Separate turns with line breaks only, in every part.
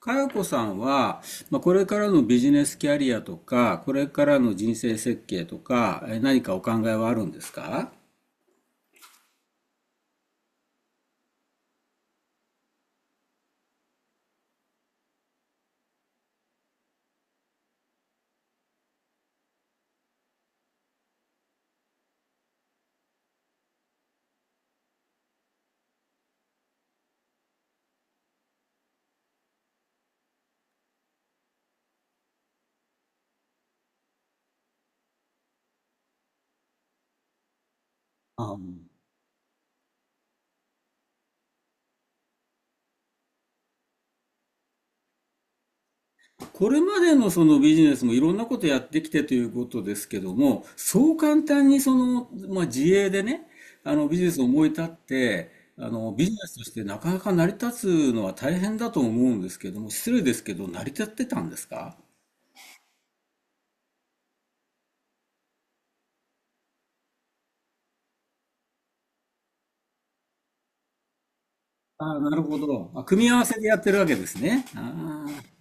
かやこさんは、まあ、これからのビジネスキャリアとか、これからの人生設計とか、何かお考えはあるんですか？あこれまでのそのビジネスもいろんなことやってきてということですけども、そう簡単にその、まあ、自営でね、あのビジネスを思い立って、あのビジネスとしてなかなか成り立つのは大変だと思うんですけども、失礼ですけど、成り立ってたんですか？ああ、なるほど。あ、組み合わせでやってるわけですね。ああ。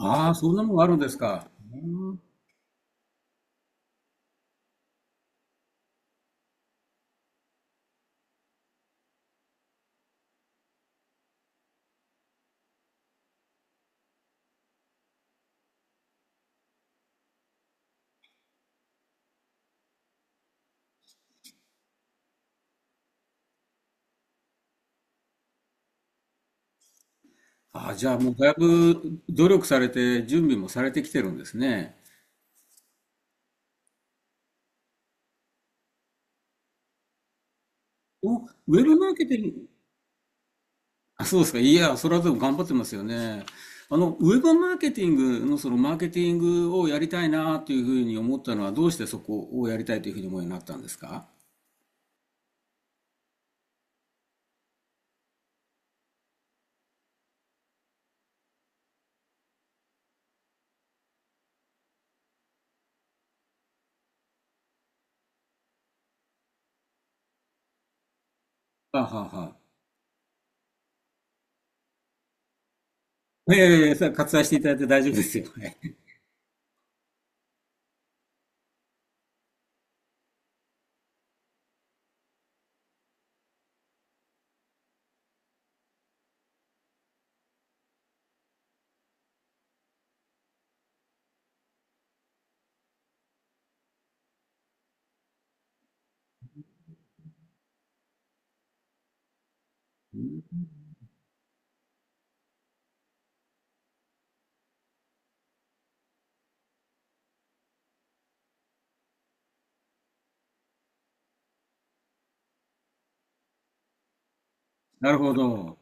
ああ、そんなのがあるんですか。うん。ああ、じゃあもうだいぶ努力されて、準備もされてきてるんですね。お、ウェブマーケティング、あ、そうですか。いや、それはでも頑張ってますよね。あの、ウェブマーケティングのそのマーケティングをやりたいなというふうに思ったのは、どうしてそこをやりたいというふうに思うようになったんですか？はあはあはあ。いやいやいや、割愛していただいて大丈夫ですよ。なるほど。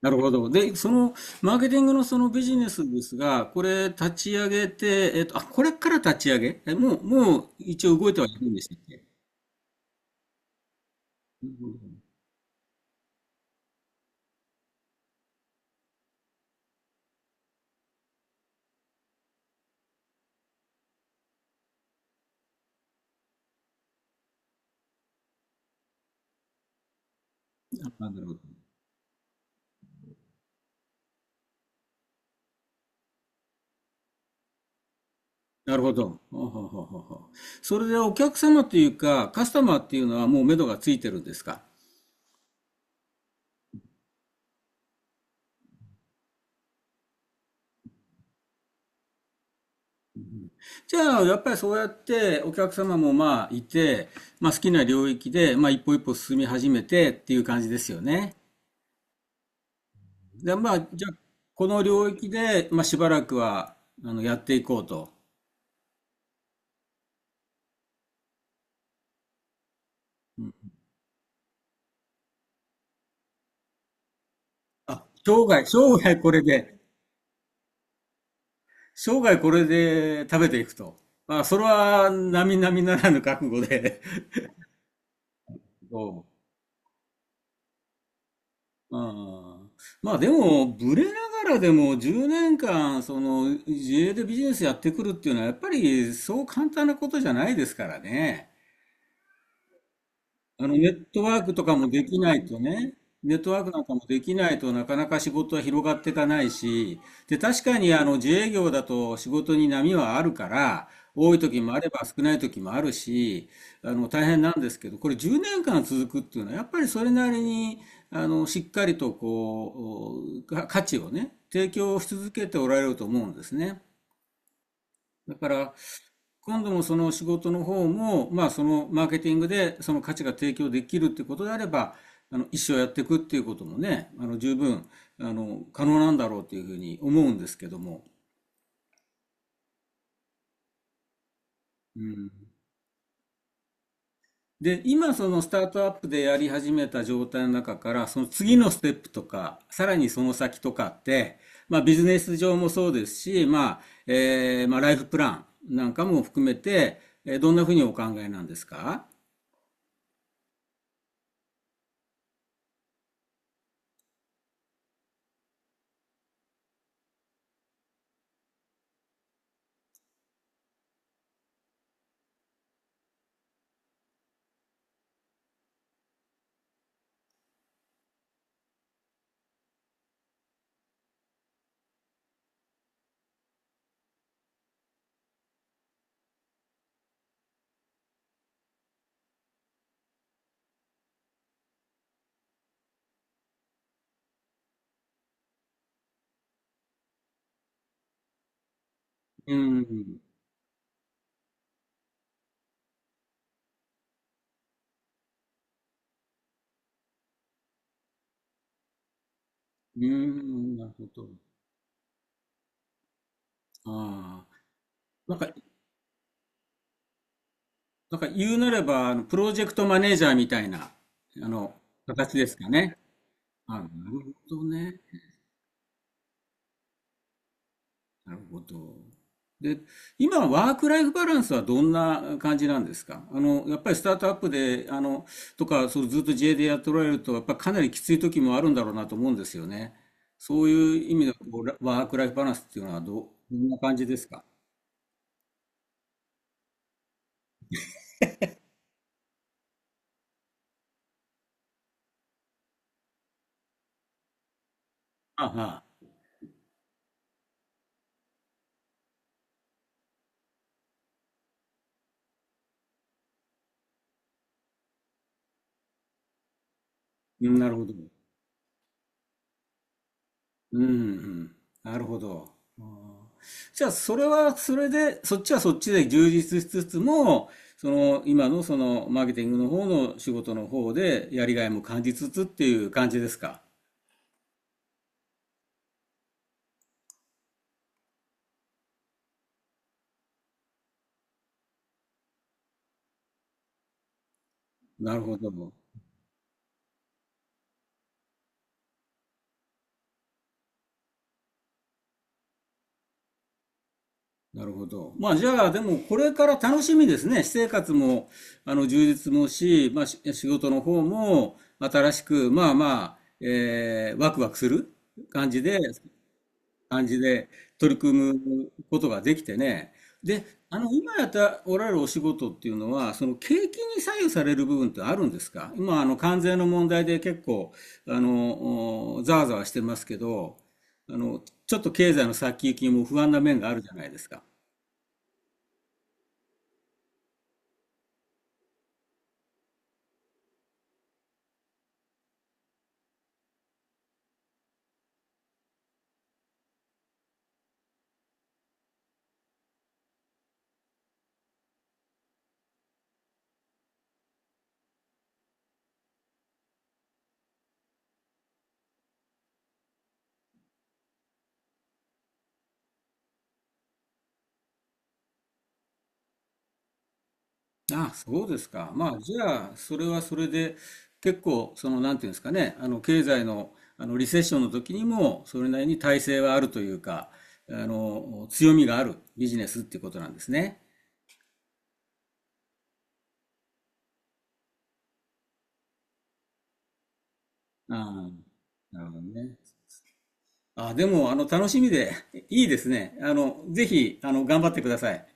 なるほど。で、そのマーケティングのそのビジネスですが、これ立ち上げて、あ、これから立ち上げ、もう、もう一応動いてはいるんでしたっけ？なるほど。なるほど。ほうほうほうほうほう。それでお客様というか、カスタマーっていうのはもう目処がついてるんですか？じゃあ、やっぱりそうやってお客様もまあいて、まあ好きな領域で、まあ一歩一歩進み始めてっていう感じですよね。で、まあ、じゃあ、この領域で、まあしばらくは、あの、やっていこうと。あ、生涯、生涯これで、生涯これで食べていくと。まあ、それは、並々ならぬ覚悟で。そう。ああ。まあ、でも、ブレながらでも10年間、その、自営でビジネスやってくるっていうのは、やっぱり、そう簡単なことじゃないですからね。あのネットワークとかもできないとね、ネットワークなんかもできないとなかなか仕事は広がっていかないし、で、確かにあの自営業だと仕事に波はあるから、多い時もあれば少ない時もあるし、あの大変なんですけど、これ10年間続くっていうのは、やっぱりそれなりに、あのしっかりとこう、価値をね、提供し続けておられると思うんですね。だから、今度もその仕事の方も、まあ、そのマーケティングでその価値が提供できるってことであれば、あの一生やっていくっていうこともね、あの十分あの可能なんだろうというふうに思うんですけども。うん。で、今そのスタートアップでやり始めた状態の中から、その次のステップとか、さらにその先とかって、まあビジネス上もそうですし、まあ、まあライフプランなんかも含めて、どんなふうにお考えなんですか？うん、うん、なるほど。ああ、なんか、なんか言うなれば、あの、プロジェクトマネージャーみたいな、あの、形ですかね。あ、なるほどね。なるほど。で、今、ワークライフバランスはどんな感じなんですか？あの、やっぱりスタートアップで、あの、とか、そう、ずっと自営でやっておられると、やっぱかなりきつい時もあるんだろうなと思うんですよね。そういう意味で、こう、ワークライフバランスっていうのはどう、どんな感じですか？ああ、は、うん、なるほど。うんうん、なるほど。あー、じゃあ、それはそれで、そっちはそっちで充実しつつも、その今のそのマーケティングの方の仕事の方でやりがいも感じつつっていう感じですか。なるほど。なるほど。まあじゃあ、でもこれから楽しみですね。私生活も、あの、充実もし、まあ仕事の方も新しく、まあまあ、ワクワクする感じで感じで取り組むことができてね。で、あの、今やっておられるお仕事っていうのは、その景気に左右される部分ってあるんですか？今、あの、関税の問題で結構、あの、ざわざわしてますけど、あの、ちょっと経済の先行きも不安な面があるじゃないですか。あ、そうですか。まあ、じゃあ、それはそれで、結構、その、なんていうんですかね、あの、経済の、あの、リセッションの時にも、それなりに耐性はあるというか、あの、強みがあるビジネスっていうことなんですね。ああ、なるほどね。あ、でも、あの、楽しみで、いいですね。あの、ぜひ、あの、頑張ってください。